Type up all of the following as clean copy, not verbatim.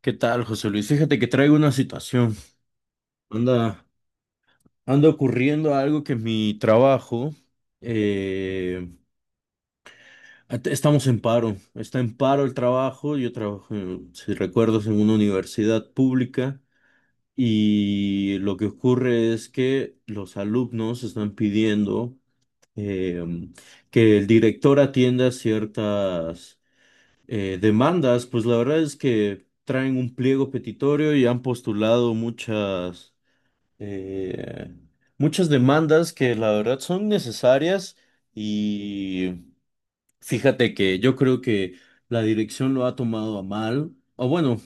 ¿Qué tal, José Luis? Fíjate que traigo una situación. Anda, anda ocurriendo algo que mi trabajo, eh, estamos en paro. Está en paro el trabajo. Yo trabajo, si recuerdas, en una universidad pública, y lo que ocurre es que los alumnos están pidiendo eh, que el director atienda ciertas demandas, pues la verdad es que traen un pliego petitorio y han postulado eh, muchas demandas que la verdad son necesarias. Y fíjate que yo creo que la dirección lo ha tomado a mal, o bueno,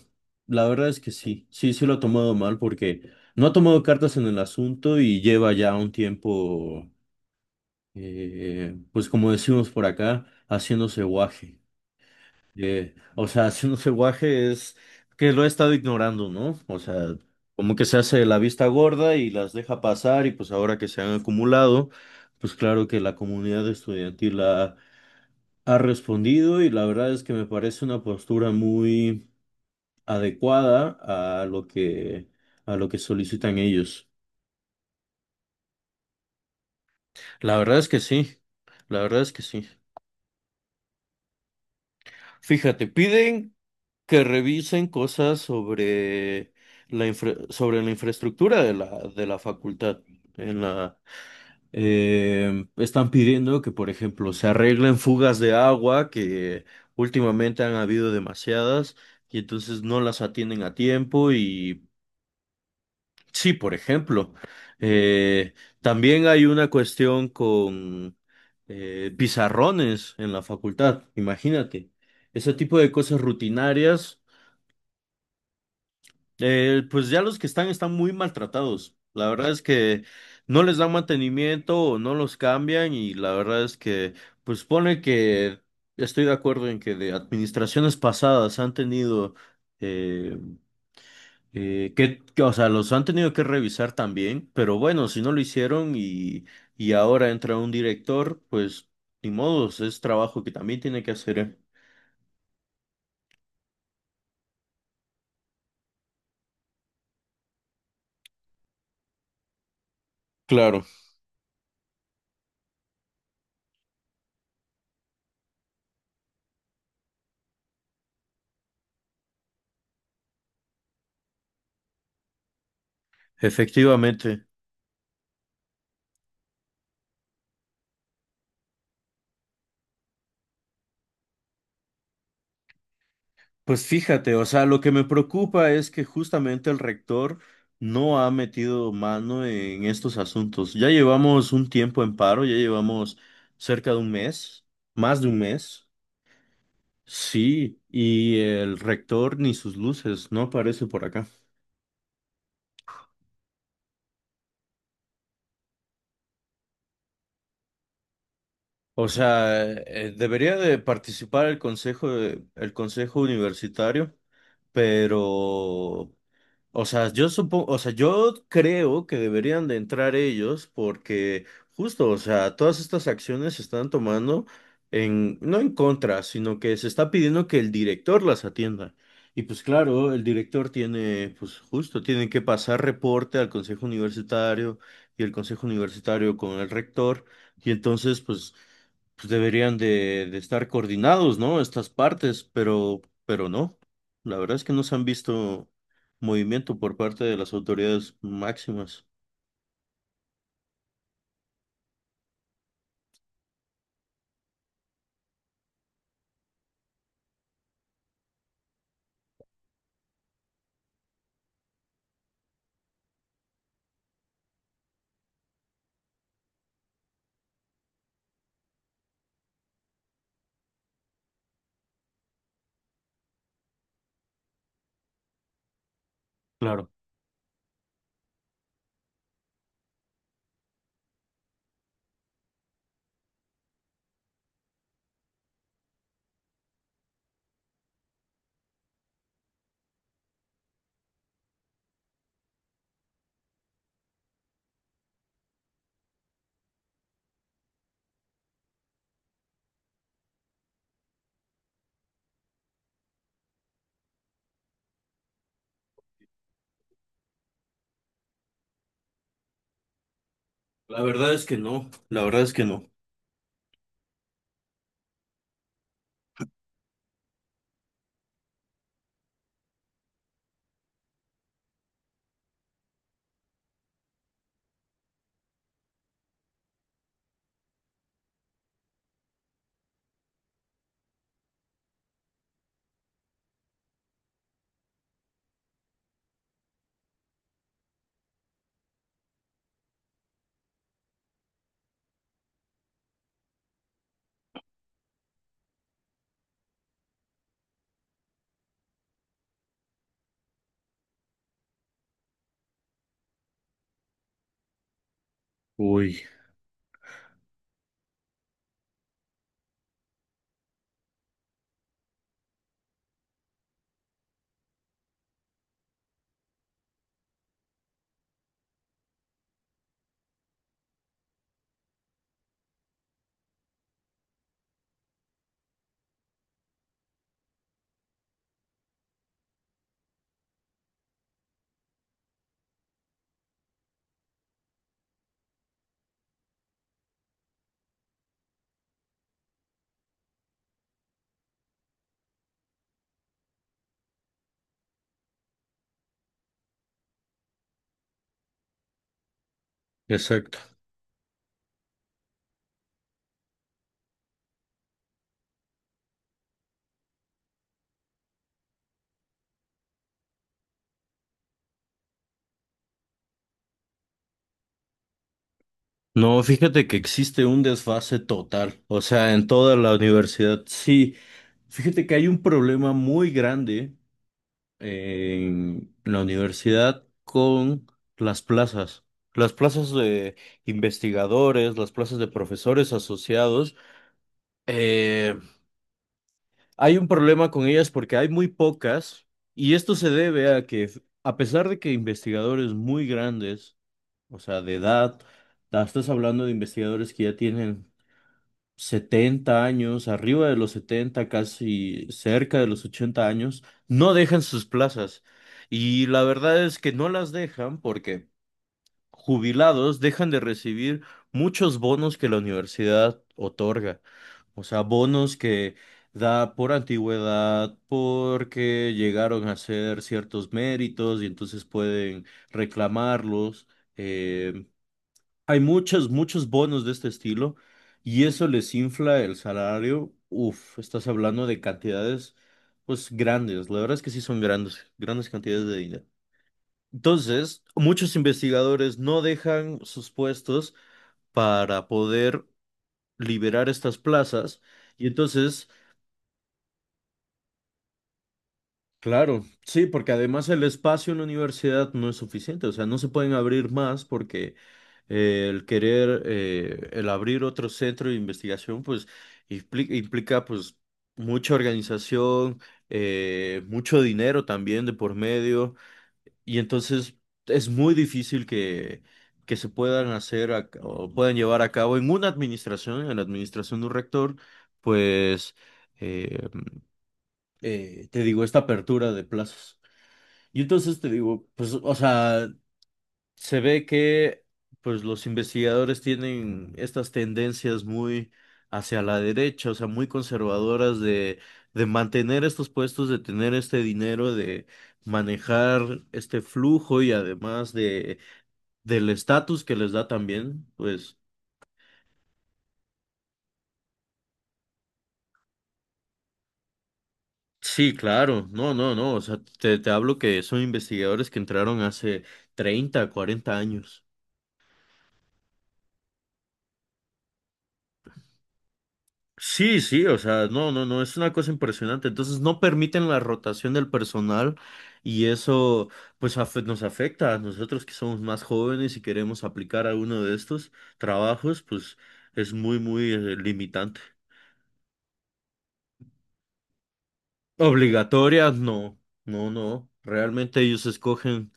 la verdad es que sí, sí, sí lo ha tomado a mal porque no ha tomado cartas en el asunto y lleva ya un tiempo, pues como decimos por acá, haciéndose guaje. O sea, haciéndose guaje es que lo he estado ignorando, ¿no? O sea, como que se hace la vista gorda y las deja pasar, y pues ahora que se han acumulado, pues claro que la comunidad estudiantil ha respondido y la verdad es que me parece una postura muy adecuada a lo que solicitan ellos. La verdad es que sí, la verdad es que sí. Fíjate, piden que revisen cosas sobre la infraestructura de la facultad. En la, están pidiendo que, por ejemplo, se arreglen fugas de agua, que últimamente han habido demasiadas, y entonces no las atienden a tiempo. Y sí, por ejemplo, eh, también hay una cuestión con pizarrones en la facultad, imagínate. Ese tipo de cosas rutinarias. Pues ya los que están muy maltratados. La verdad es que no les dan mantenimiento o no los cambian, y la verdad es que pues pone que estoy de acuerdo en que de administraciones pasadas han tenido eh, que, o sea, los han tenido que revisar también, pero bueno, si no lo hicieron, y ahora entra un director, pues ni modos, es trabajo que también tiene que hacer, ¿eh? Claro, efectivamente. Pues fíjate, o sea, lo que me preocupa es que justamente el rector no ha metido mano en estos asuntos. Ya llevamos un tiempo en paro, ya llevamos cerca de un mes, más de un mes. Sí, y el rector ni sus luces, no aparece por acá. O sea, debería de participar el consejo, el consejo universitario, pero o sea, yo supongo, o sea, yo creo que deberían de entrar ellos porque justo, o sea, todas estas acciones se están tomando en, no en contra, sino que se está pidiendo que el director las atienda. Y pues claro, el director tiene, pues justo, tiene que pasar reporte al consejo universitario y el consejo universitario con el rector. Y entonces, pues, pues deberían de estar coordinados, ¿no? Estas partes, pero no. La verdad es que no se han visto movimiento por parte de las autoridades máximas. Claro. La verdad es que no, la verdad es que no. Uy, exacto. No, fíjate que existe un desfase total, o sea, en toda la universidad. Sí, fíjate que hay un problema muy grande en la universidad con las plazas. Las plazas de investigadores, las plazas de profesores asociados. eh, Hay un problema con ellas porque hay muy pocas, y esto se debe a que, a pesar de que investigadores muy grandes, o sea, de edad, estás hablando de investigadores que ya tienen 70 años, arriba de los 70, casi cerca de los 80 años, no dejan sus plazas. Y la verdad es que no las dejan porque jubilados dejan de recibir muchos bonos que la universidad otorga. O sea, bonos que da por antigüedad, porque llegaron a hacer ciertos méritos y entonces pueden reclamarlos. Eh, hay muchos, muchos bonos de este estilo y eso les infla el salario. Uf, estás hablando de cantidades, pues grandes. La verdad es que sí son grandes, grandes cantidades de dinero. Entonces, muchos investigadores no dejan sus puestos para poder liberar estas plazas. Y entonces, claro, sí, porque además el espacio en la universidad no es suficiente, o sea, no se pueden abrir más porque el querer, el abrir otro centro de investigación, pues implica, pues mucha organización, mucho dinero también de por medio. Y entonces es muy difícil que se puedan hacer o puedan llevar a cabo en una administración, en la administración de un rector, pues, eh, te digo, esta apertura de plazos. Y entonces te digo, pues, o sea, se ve que pues los investigadores tienen estas tendencias muy hacia la derecha, o sea, muy conservadoras de mantener estos puestos, de tener este dinero, de manejar este flujo y además de del estatus que les da también, pues sí, claro, no, no, no, o sea, te hablo que son investigadores que entraron hace 30, 40 años. Sí, sí, o sea, no, no, no, es una cosa impresionante. Entonces no permiten la rotación del personal y eso pues nos afecta a nosotros que somos más jóvenes y queremos aplicar alguno de estos trabajos, pues es muy, muy limitante. Obligatorias, no, no, no. Realmente ellos escogen,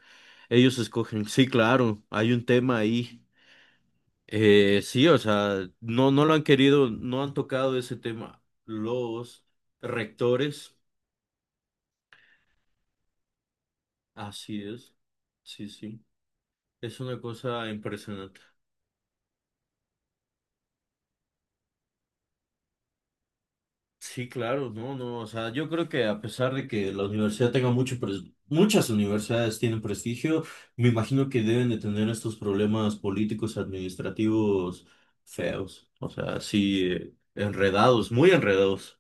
ellos escogen. Sí, claro, hay un tema ahí. Sí, o sea, no, no lo han querido, no han tocado ese tema. Los rectores, así es. Sí, sí. Es una cosa impresionante. Sí, claro, no, no, o sea, yo creo que a pesar de que la universidad tenga mucho, muchas universidades tienen prestigio, me imagino que deben de tener estos problemas políticos, administrativos feos, o sea, sí, enredados, muy enredados,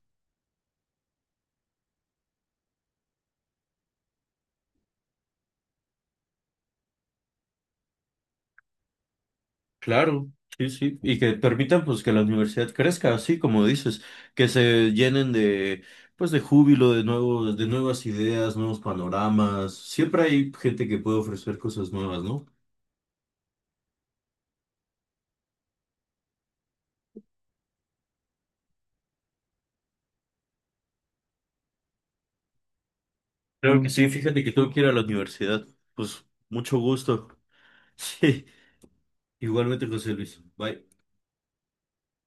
claro, sí, sí, y que permitan pues que la universidad crezca, así como dices, que se llenen pues de júbilo, de nuevas ideas, nuevos panoramas, siempre hay gente que puede ofrecer cosas nuevas, ¿no? Claro que sí, fíjate que tengo que ir a la universidad. Pues mucho gusto. Sí, igualmente, José Luis. Bye.